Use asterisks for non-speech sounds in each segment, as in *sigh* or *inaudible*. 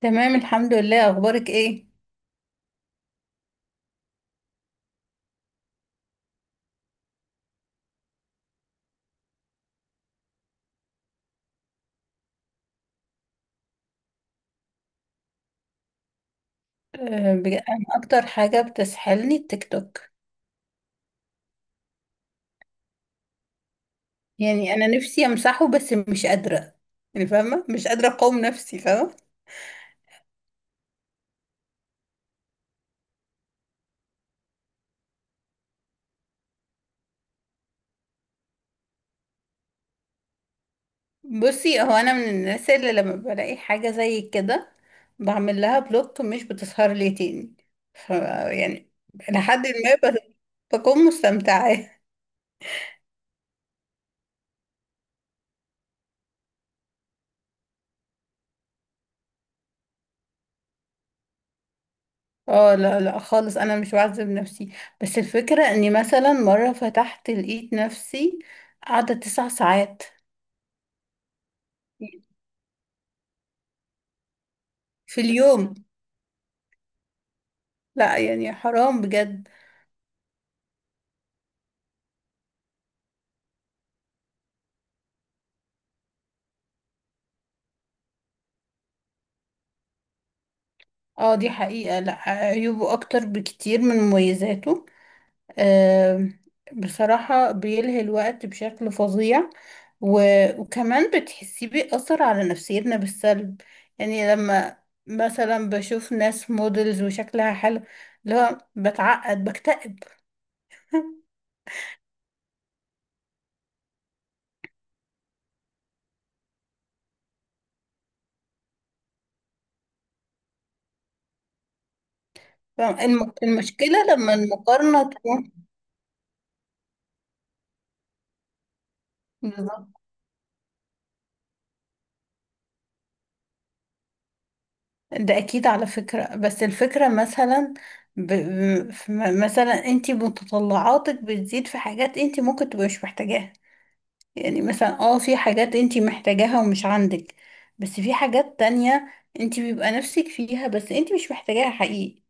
تمام، الحمد لله. اخبارك ايه؟ أه، انا اكتر حاجه بتسحلني التيك توك. يعني انا نفسي امسحه، بس مش قادره. يعني فاهمه، مش قادره اقاوم نفسي، فاهمه. بصي، هو انا من الناس اللي لما بلاقي حاجه زي كده بعمل لها بلوك، مش بتسهر لي تاني. ف يعني لحد ما بكون مستمتعه. *laughs* اه، لا لا خالص، انا مش بعذب نفسي. بس الفكره اني مثلا مره فتحت لقيت نفسي قاعده 9 ساعات في اليوم. لا، يعني حرام بجد. اه، دي حقيقة. لا، عيوبه اكتر بكتير من مميزاته. آم، بصراحة بيلهي الوقت بشكل فظيع. وكمان بتحسيه بيأثر على نفسيتنا بالسلب. يعني لما مثلا بشوف ناس موديلز وشكلها حلو، اللي هو بتعقد بكتئب. *laughs* المشكلة لما المقارنة تكون بالظبط. ده اكيد على فكرة، بس الفكرة مثلا، ب... ب- ف- مثلا انت متطلعاتك بتزيد في حاجات انت ممكن تبقى مش محتاجاها. يعني مثلا، في حاجات انت محتاجاها ومش عندك. بس في حاجات تانية انت بيبقى نفسك فيها، بس انت مش محتاجاها حقيقي.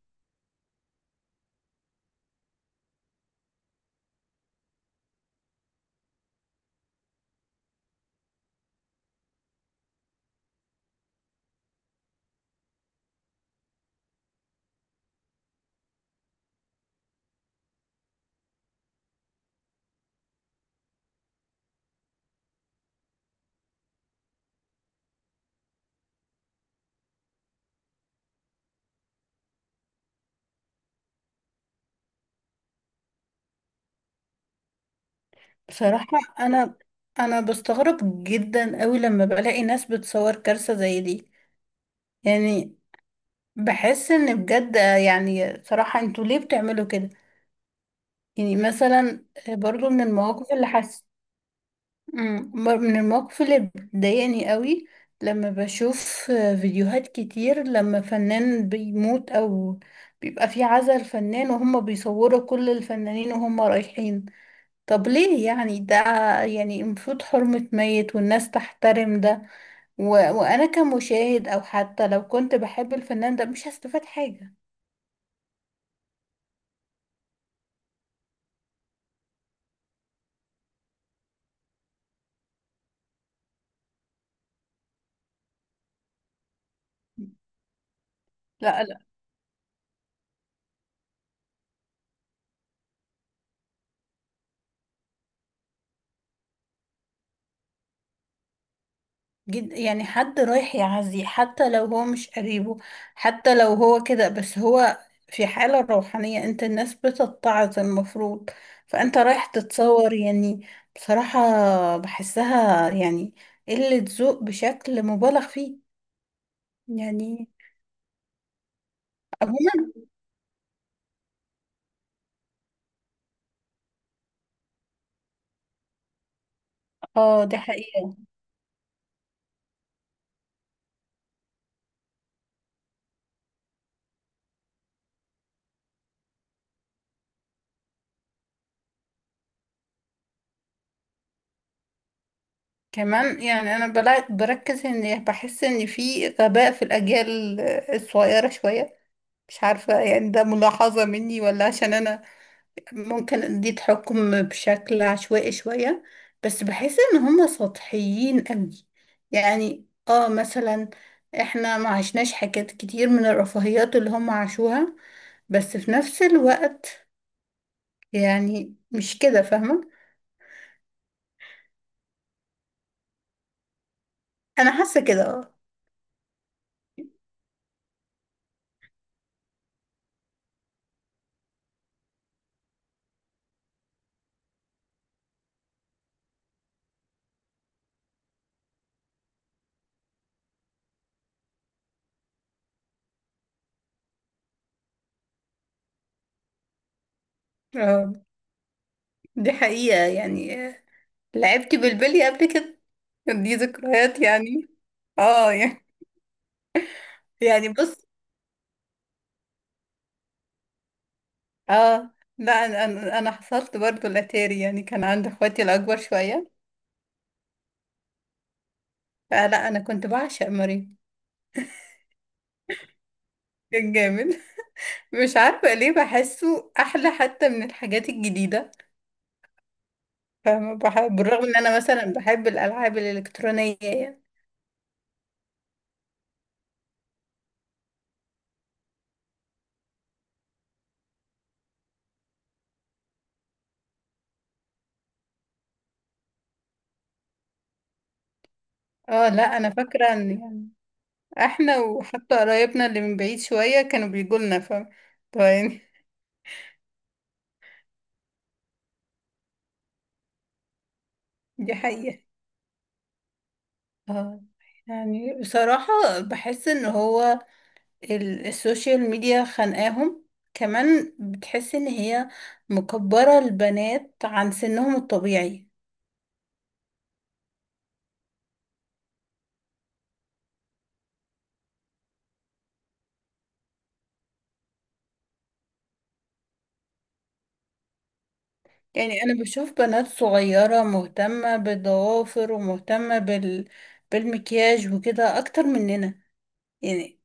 بصراحة، انا انا بستغرب جدا قوي لما بلاقي ناس بتصور كارثة زي دي. يعني بحس ان بجد، يعني صراحة انتوا ليه بتعملوا كده؟ يعني مثلا برضو من المواقف اللي حسيت، من المواقف اللي بتضايقني قوي. لما بشوف فيديوهات كتير لما فنان بيموت او بيبقى في عزا الفنان، وهم بيصوروا كل الفنانين وهم رايحين. طب ليه يعني ده؟ يعني المفروض حرمة ميت والناس تحترم ده. وانا كمشاهد او حتى لو كنت بحب الفنان ده مش هستفاد حاجة. لا، جد يعني حد رايح يعزي حتى لو هو مش قريبه. حتى لو هو كده، بس هو في حالة روحانية، انت الناس بتتعظ المفروض. فانت رايح تتصور، يعني؟ بصراحة بحسها يعني قلة ذوق بشكل مبالغ فيه. يعني، عموما اه دي حقيقة. كمان يعني انا بركز ان بحس ان في غباء في الاجيال الصغيرة شوية. مش عارفة، يعني ده ملاحظة مني، ولا عشان انا ممكن دي تحكم بشكل عشوائي شوية. بس بحس ان هم سطحيين قوي. يعني، مثلا احنا ما عشناش حاجات كتير من الرفاهيات اللي هم عاشوها. بس في نفس الوقت، يعني مش كده، فاهمة. انا حاسة كده، اه. آه، دي حقيقة. يعني، لعبت بالبلي قبل كده. دي ذكريات يعني. اه، يعني. *laughs* يعني بص. اه، لا، انا انا أنا حصلت برضو الاتاري، يعني كان عند اخواتي الاكبر شوية. فلا، انا كنت بعشق ماريو. كان جامد. *laughs* مش عارفه ليه بحسه احلى حتى من الحاجات الجديده. فاهمه، بحب بالرغم ان انا مثلا بحب الالعاب الالكترونيه يعني. اه، لا، انا فاكره ان يعني احنا وحتى قرايبنا اللي من بعيد شويه كانوا بيجوا لنا، فاهمه. طيب، يعني. *laughs* دي حقيقه. اه، يعني بصراحه بحس ان هو السوشيال ميديا خانقاهم. كمان بتحس ان هي مكبره البنات عن سنهم الطبيعي. يعني انا بشوف بنات صغيرة مهتمة بالضوافر ومهتمة بالمكياج وكده اكتر مننا، يعني.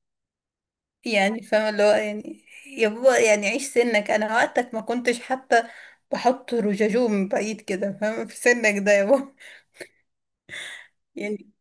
يعني فاهمة، اللي هو يعني يا بابا يعني عيش سنك، انا وقتك ما كنتش حتى بحط رجاجوم من بعيد كده، فاهمة، في سنك ده يا بابا. *laughs* يعني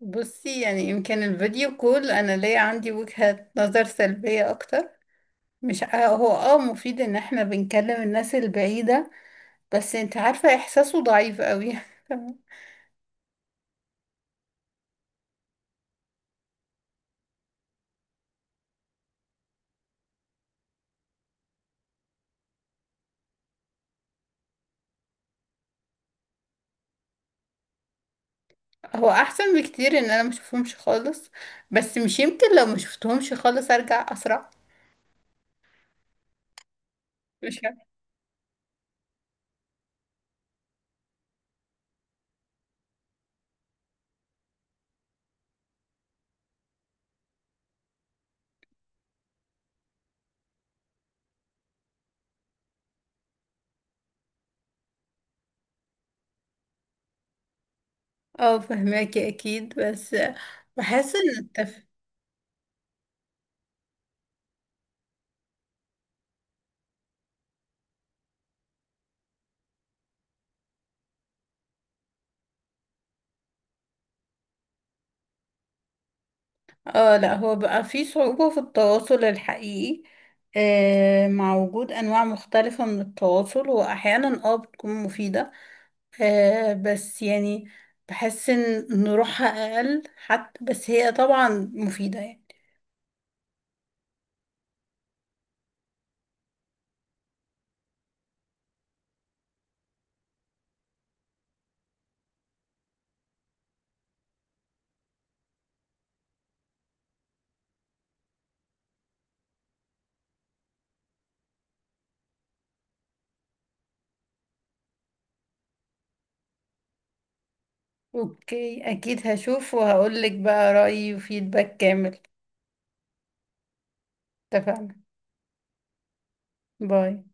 بصي، يعني يمكن الفيديو كول انا ليا عندي وجهة نظر سلبية اكتر. مش هو مفيد ان احنا بنكلم الناس البعيدة، بس انت عارفة احساسه ضعيف قوي. *laughs* هو احسن بكتير ان انا ما اشوفهمش خالص. بس مش يمكن لو ما شفتهمش خالص ارجع اسرع؟ مش عارفة. اه، فهماكي اكيد، بس بحس ان اه، لا، هو بقى في صعوبة في التواصل الحقيقي. مع وجود انواع مختلفة من التواصل، واحيانا بتكون مفيدة. بس يعني بحس ان روحها اقل حتى، بس هي طبعا مفيدة يعني. اوكي، اكيد هشوف وهقولك بقى رأيي وفيدباك كامل. اتفقنا. باي.